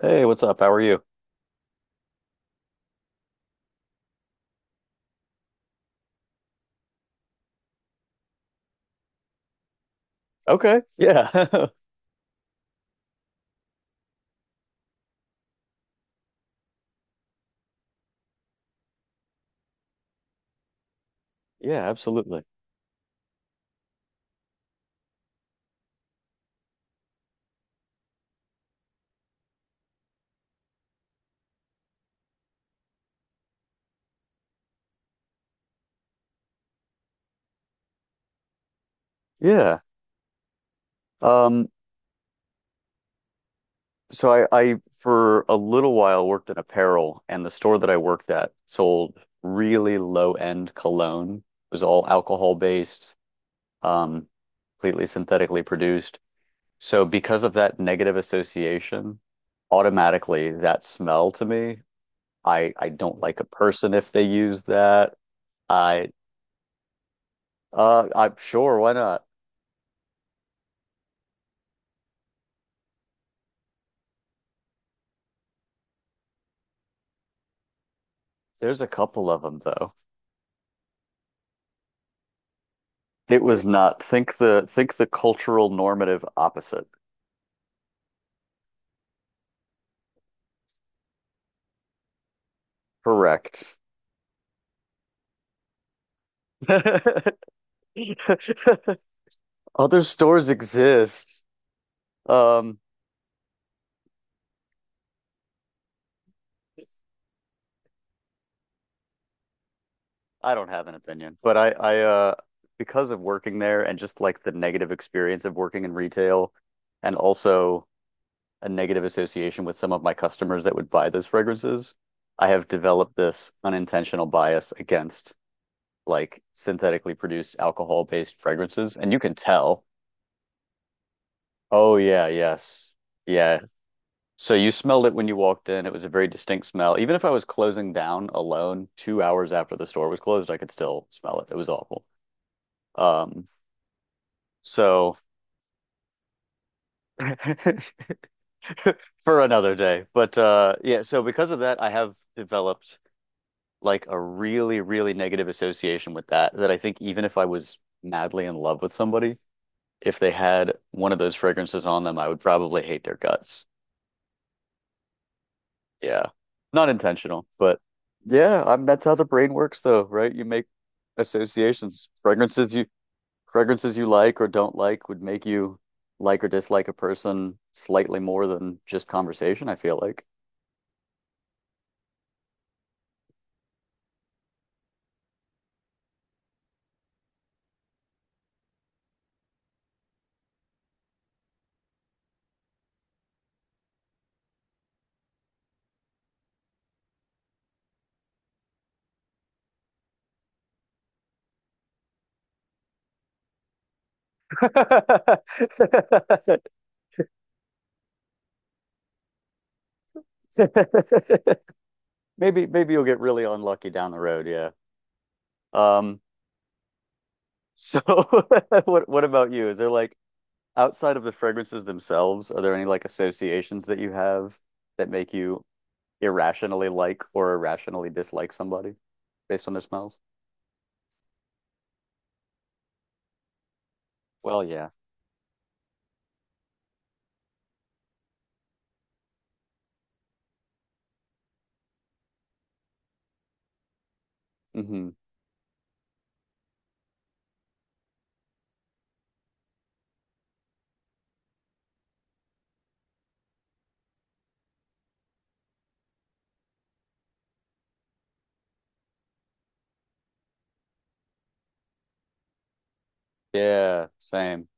Hey, what's up? How are you? Okay. Yeah. Yeah, absolutely. Yeah. Um, so I for a little while worked in apparel and the store that I worked at sold really low-end cologne. It was all alcohol-based, um, completely synthetically produced. So because of that negative association, automatically that smell to me, I don't like a person if they use that. I I'm sure why not? There's a couple of them though. It was not. Think the cultural normative opposite. Correct. Other stores exist. Um, I don't have an opinion, but I because of working there and just like the negative experience of working in retail and also a negative association with some of my customers that would buy those fragrances, I have developed this unintentional bias against like synthetically produced alcohol-based fragrances, and you can tell. Oh yeah, yes. Yeah. So you smelled it when you walked in. It was a very distinct smell. Even if I was closing down alone 2 hours after the store was closed, I could still smell it. It was awful. Um, so for another day. But yeah, so because of that, I have developed like a really, really negative association with that that I think even if I was madly in love with somebody, if they had one of those fragrances on them, I would probably hate their guts. Yeah. Not intentional, but yeah, I mean that's how the brain works though, right? You make associations. Fragrances you like or don't like would make you like or dislike a person slightly more than just conversation, I feel like. Maybe you'll get really unlucky down the road, yeah. Um so what about you? Is there like outside of the fragrances themselves, are there any like associations that you have that make you irrationally like or irrationally dislike somebody based on their smells? Well, yeah. Hmm. Yeah, same.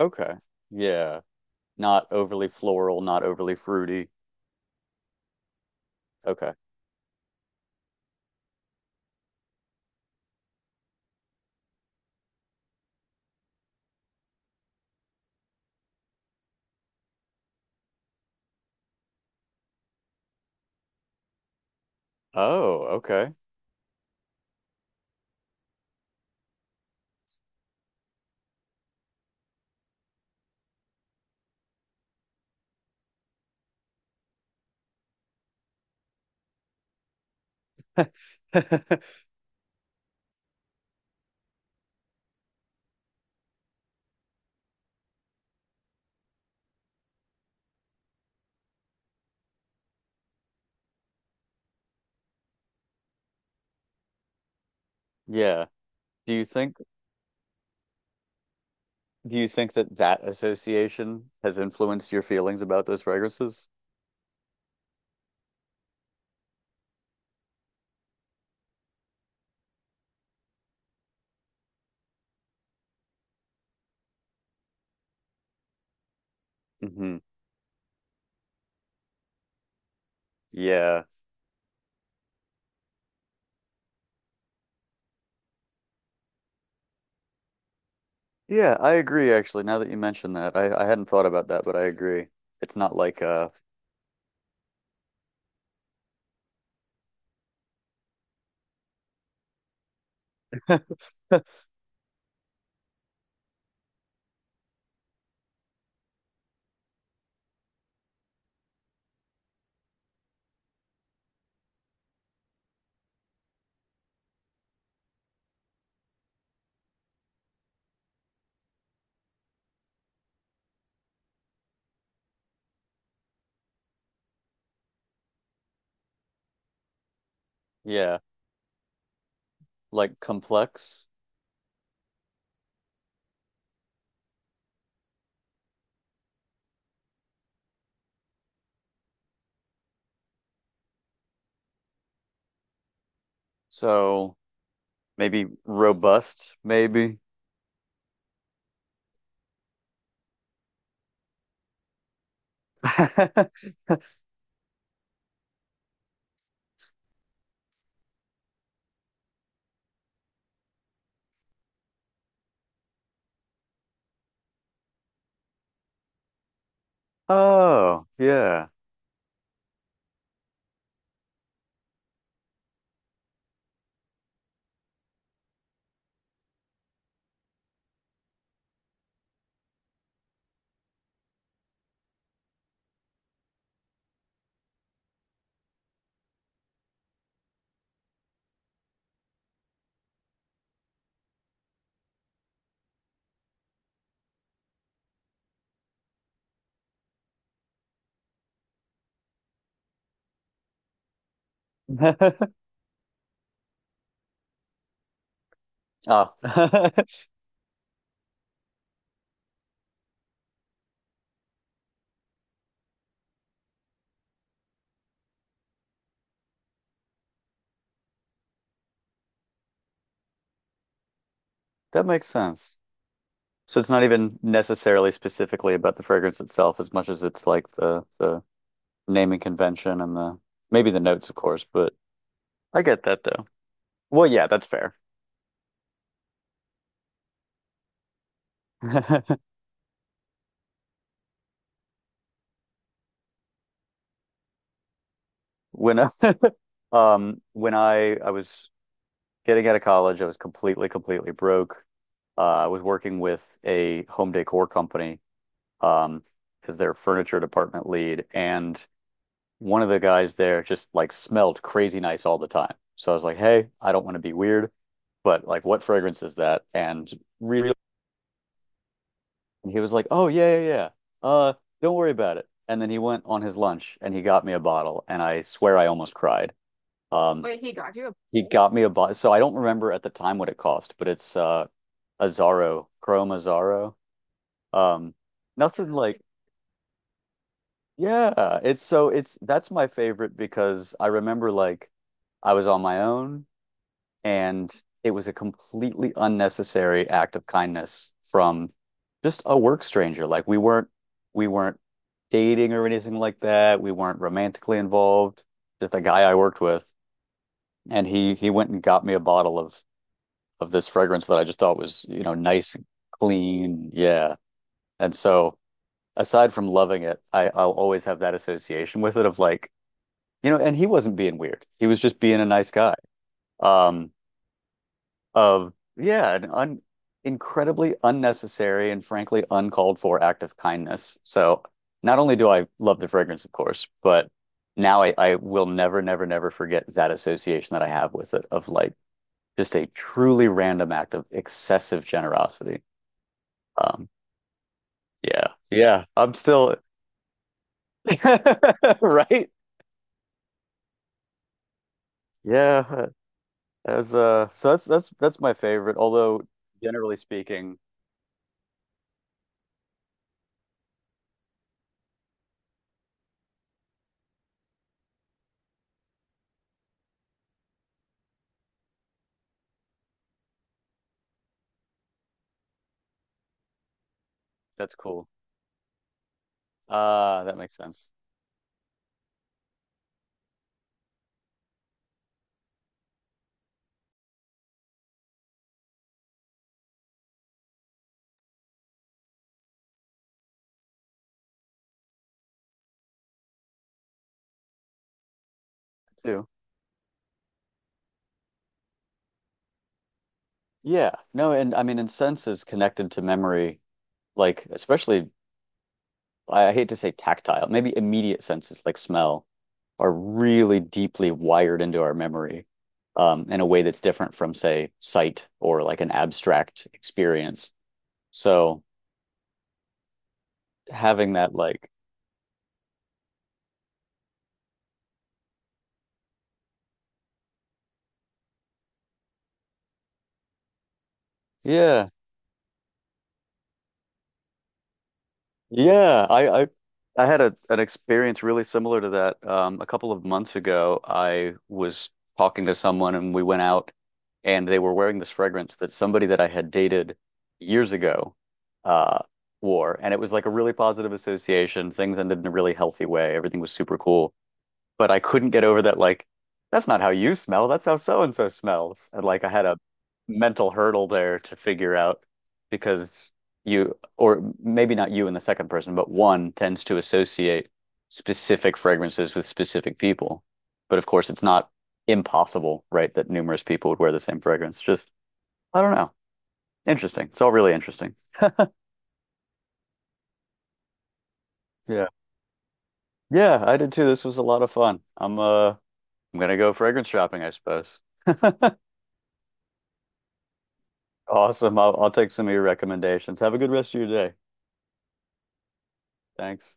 Okay. Yeah. Not overly floral, not overly fruity. Okay. Oh, okay. Yeah. Do you think do you think that that association has influenced your feelings about those fragrances? Hmm. Yeah. Yeah, I agree actually. Now that you mention that, I hadn't thought about that, but I agree. It's not like yeah, like complex. So maybe robust, maybe. Oh, yeah. Oh, that makes sense. So it's not even necessarily specifically about the fragrance itself as much as it's like the naming convention and the maybe the notes, of course, but I get that though. Well, yeah, that's fair. When I, when I was getting out of college, I was completely, completely broke. I was working with a home decor company, Um, as their furniture department lead. And one of the guys there just like smelled crazy nice all the time. So I was like, hey, I don't want to be weird, but like, what fragrance is that? And really, he was like, oh, yeah, yeah, yeah. Uh, don't worry about it. And then he went on his lunch and he got me a bottle. And I swear I almost cried. Wait, he got me a bottle. So I don't remember at the time what it cost, but it's Azaro, Chrome Azaro. Um, nothing like yeah, it's that's my favorite because I remember like I was on my own and it was a completely unnecessary act of kindness from just a work stranger. Like we weren't dating or anything like that. We weren't romantically involved. Just a guy I worked with and he went and got me a bottle of this fragrance that I just thought was, you know, nice and clean. Yeah. And so aside from loving it, I'll always have that association with it of like you know, and he wasn't being weird. He was just being a nice guy. Um, of yeah, an un incredibly unnecessary and frankly uncalled for act of kindness. So not only do I love the fragrance, of course, but now I will never, never, never forget that association that I have with it of like just a truly random act of excessive generosity. Um, yeah, yeah, I'm still right. Yeah. As so That's my favorite. Although generally speaking, that's cool. That makes sense too. Yeah, no, and I mean, and sense is connected to memory, like especially I hate to say tactile, maybe immediate senses like smell are really deeply wired into our memory, in a way that's different from say sight or like an abstract experience. So having that like, yeah. Yeah, I had a an experience really similar to that. A couple of months ago, I was talking to someone and we went out and they were wearing this fragrance that somebody that I had dated years ago uh wore. And it was like a really positive association. Things ended in a really healthy way. Everything was super cool, but I couldn't get over that like that's not how you smell, that's how so and so smells. And like I had a mental hurdle there to figure out because you or maybe not you in the second person, but one tends to associate specific fragrances with specific people. But of course it's not impossible, right, that numerous people would wear the same fragrance. Just I don't know. Interesting. It's all really interesting. Yeah. Yeah, I did too. This was a lot of fun. I'm gonna go fragrance shopping, I suppose. Awesome. I'll take some of your recommendations. Have a good rest of your day. Thanks.